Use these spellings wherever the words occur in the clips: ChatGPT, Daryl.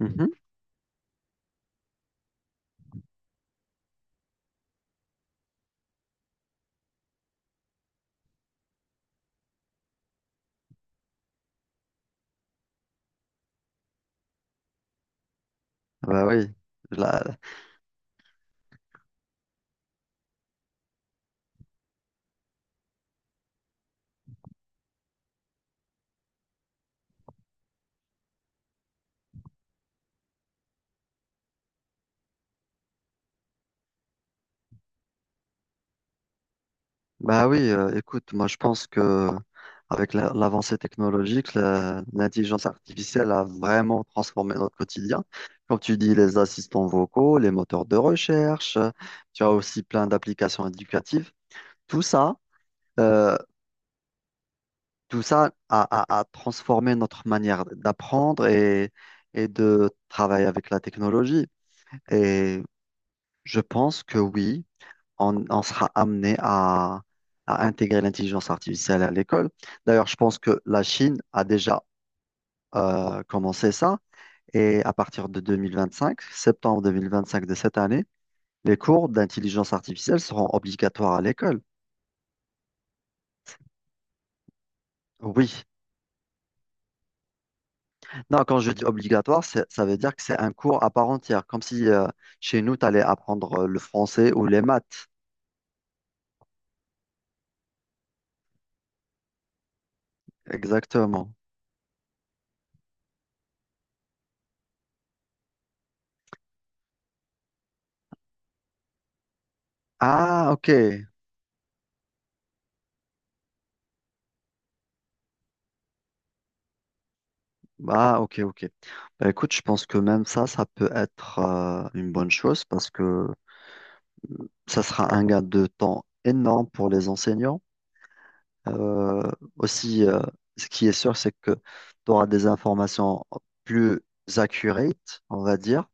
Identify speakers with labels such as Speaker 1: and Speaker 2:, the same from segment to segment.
Speaker 1: Mhm. Bah oui, La- écoute, moi je pense que avec l'avancée technologique, l'intelligence artificielle a vraiment transformé notre quotidien. Comme tu dis, les assistants vocaux, les moteurs de recherche, tu as aussi plein d'applications éducatives. Tout ça, euh, tout ça a transformé notre manière d'apprendre et de travailler avec la technologie. Et je pense que oui. On sera amené à intégrer l'intelligence artificielle à l'école. D'ailleurs, je pense que la Chine a déjà commencé ça et à partir de 2025, septembre 2025 de cette année, les cours d'intelligence artificielle seront obligatoires à l'école. Oui. Non, quand je dis obligatoire, ça veut dire que c'est un cours à part entière, comme si chez nous, tu allais apprendre le français ou les maths. Exactement. Ah, ok. Ah, ok, ok. Bah, écoute, je pense que même ça, ça peut être une bonne chose parce que ça sera un gain de temps énorme pour les enseignants. Euh, aussi, ce qui est sûr, c'est que tu auras des informations plus accurate, on va dire.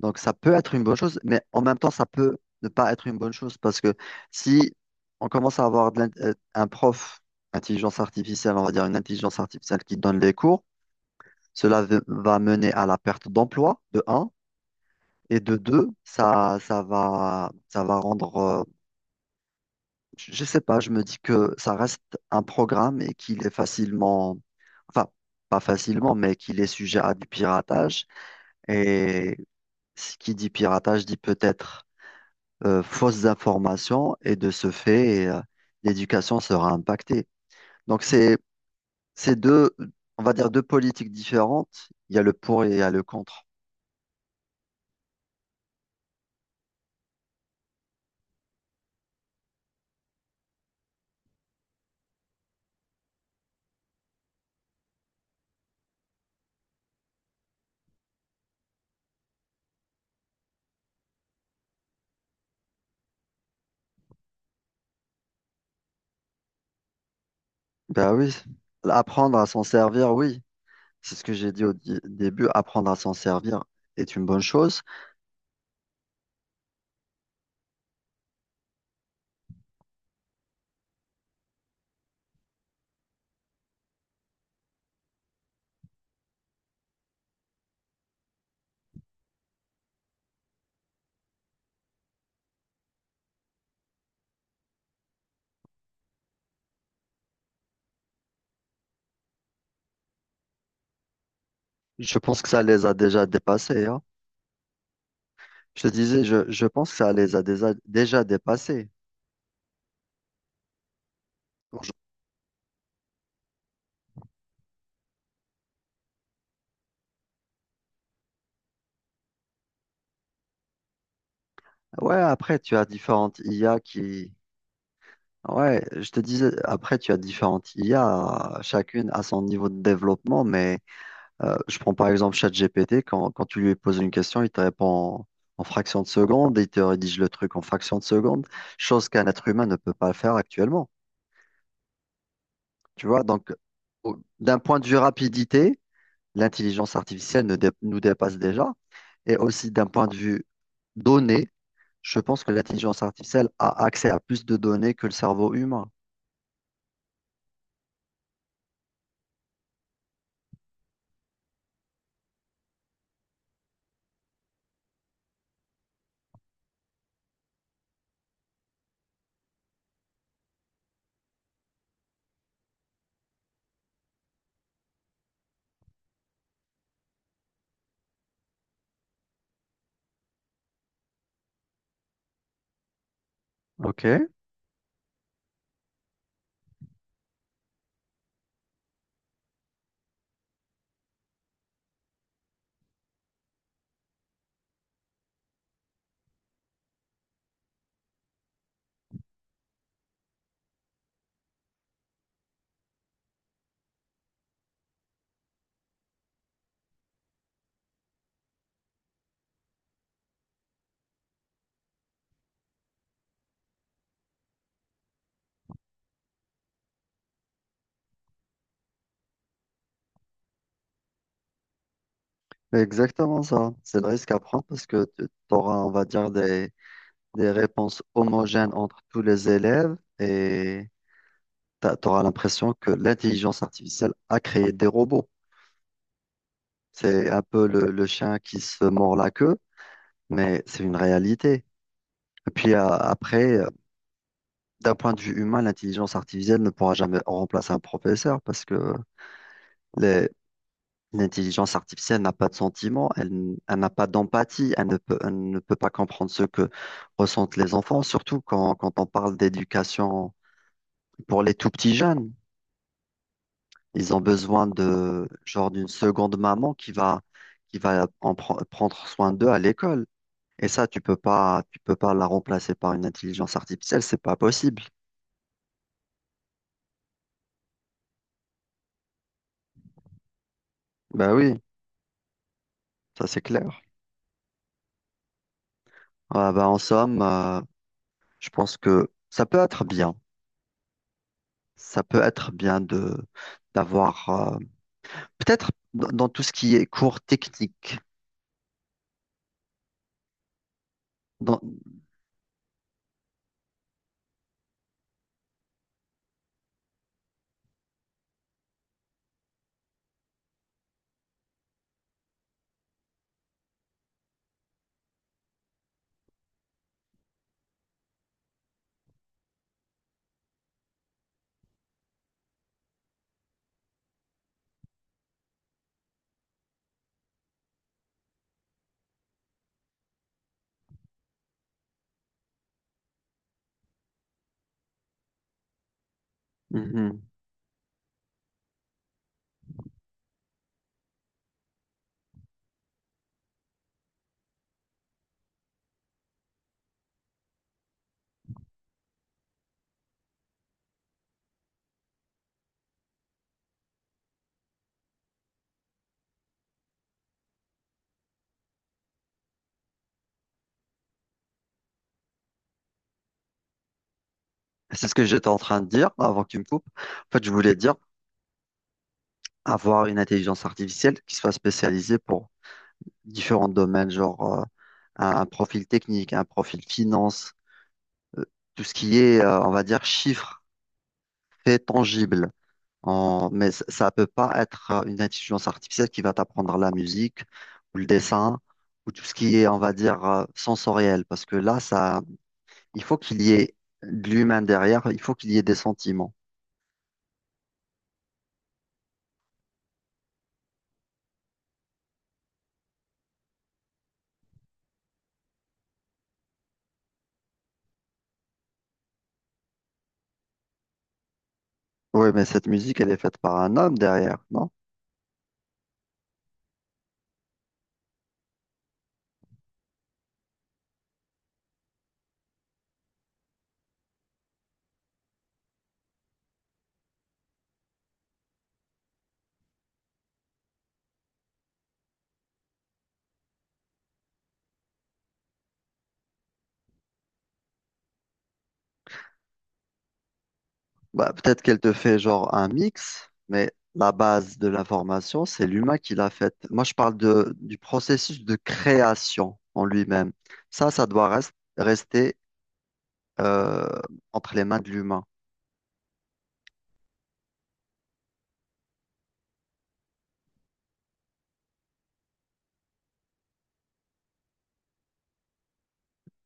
Speaker 1: Donc, ça peut être une bonne chose, mais en même temps, ça peut ne pas être une bonne chose parce que si on commence à avoir un prof, intelligence artificielle, on va dire une intelligence artificielle qui donne les cours, cela va mener à la perte d'emploi, de un, et de deux, ça va rendre, je sais pas, je me dis que ça reste un programme et qu'il est facilement, enfin, pas facilement, mais qu'il est sujet à du piratage. Et ce qui dit piratage dit peut-être fausses informations, et de ce fait, l'éducation sera impactée. Donc c'est, c'est deux, on va dire deux politiques différentes. Il y a le pour et il y a le contre. Ben oui, apprendre à s'en servir, oui. C'est ce que j'ai dit au début, apprendre à s'en servir est une bonne chose. Je pense que ça les a déjà dépassés, hein. Je te disais, je pense que ça les a déjà, déjà dépassés. Ouais, après, tu as différentes IA qui... Ouais, je te disais, après, tu as différentes IA, chacune à son niveau de développement, mais... je prends par exemple ChatGPT, quand tu lui poses une question, il te répond en, en fraction de seconde, il te rédige le truc en fraction de seconde, chose qu'un être humain ne peut pas faire actuellement. Tu vois, donc d'un point de vue rapidité, l'intelligence artificielle ne dé- nous dépasse déjà, et aussi d'un point de vue données, je pense que l'intelligence artificielle a accès à plus de données que le cerveau humain. Ok, c'est exactement ça. C'est le risque à prendre parce que tu auras, on va dire, des réponses homogènes entre tous les élèves et tu auras l'impression que l'intelligence artificielle a créé des robots. C'est un peu le chien qui se mord la queue, mais c'est une réalité. Et puis après, d'un point de vue humain, l'intelligence artificielle ne pourra jamais remplacer un professeur parce que les- l'intelligence artificielle n'a pas de sentiments, elle n'a pas d'empathie, elle ne peut pas comprendre ce que ressentent les enfants, surtout quand on parle d'éducation pour les tout petits jeunes. Ils ont besoin de genre d'une seconde maman qui va en prendre soin d'eux à l'école. Et ça, tu peux pas la remplacer par une intelligence artificielle, c'est pas possible. Bah oui, ça c'est clair. Ah bah en somme, je pense que ça peut être bien. Ça peut être bien de d'avoir peut-être dans tout ce qui est cours technique. Dans... Mhm. C'est ce que j'étais en train de dire avant que tu me coupes. En fait, je voulais dire avoir une intelligence artificielle qui soit spécialisée pour différents domaines, genre un profil technique, un profil finance, euh, tout ce qui est, on va dire, chiffres, faits tangibles. Mais ça peut pas être une intelligence artificielle qui va t'apprendre la musique ou le dessin ou tout ce qui est, on va dire, sensoriel, parce que là, ça, il faut qu'il y ait de l'humain derrière, il faut qu'il y ait des sentiments. Oui, mais cette musique, elle est faite par un homme derrière, non? Bah, peut-être qu'elle te fait genre un mix, mais la base de l'information, c'est l'humain qui l'a faite. Moi, je parle du processus de création en lui-même. Ça doit rester euh, entre les mains de l'humain.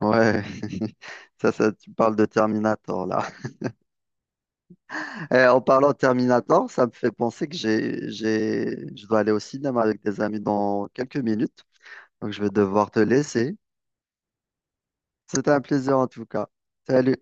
Speaker 1: Ouais, ça, tu parles de Terminator là. Eh, en parlant de Terminator, ça me fait penser que je dois aller au cinéma avec des amis dans quelques minutes. Donc, je vais devoir te laisser. C'était un plaisir en tout cas. Salut.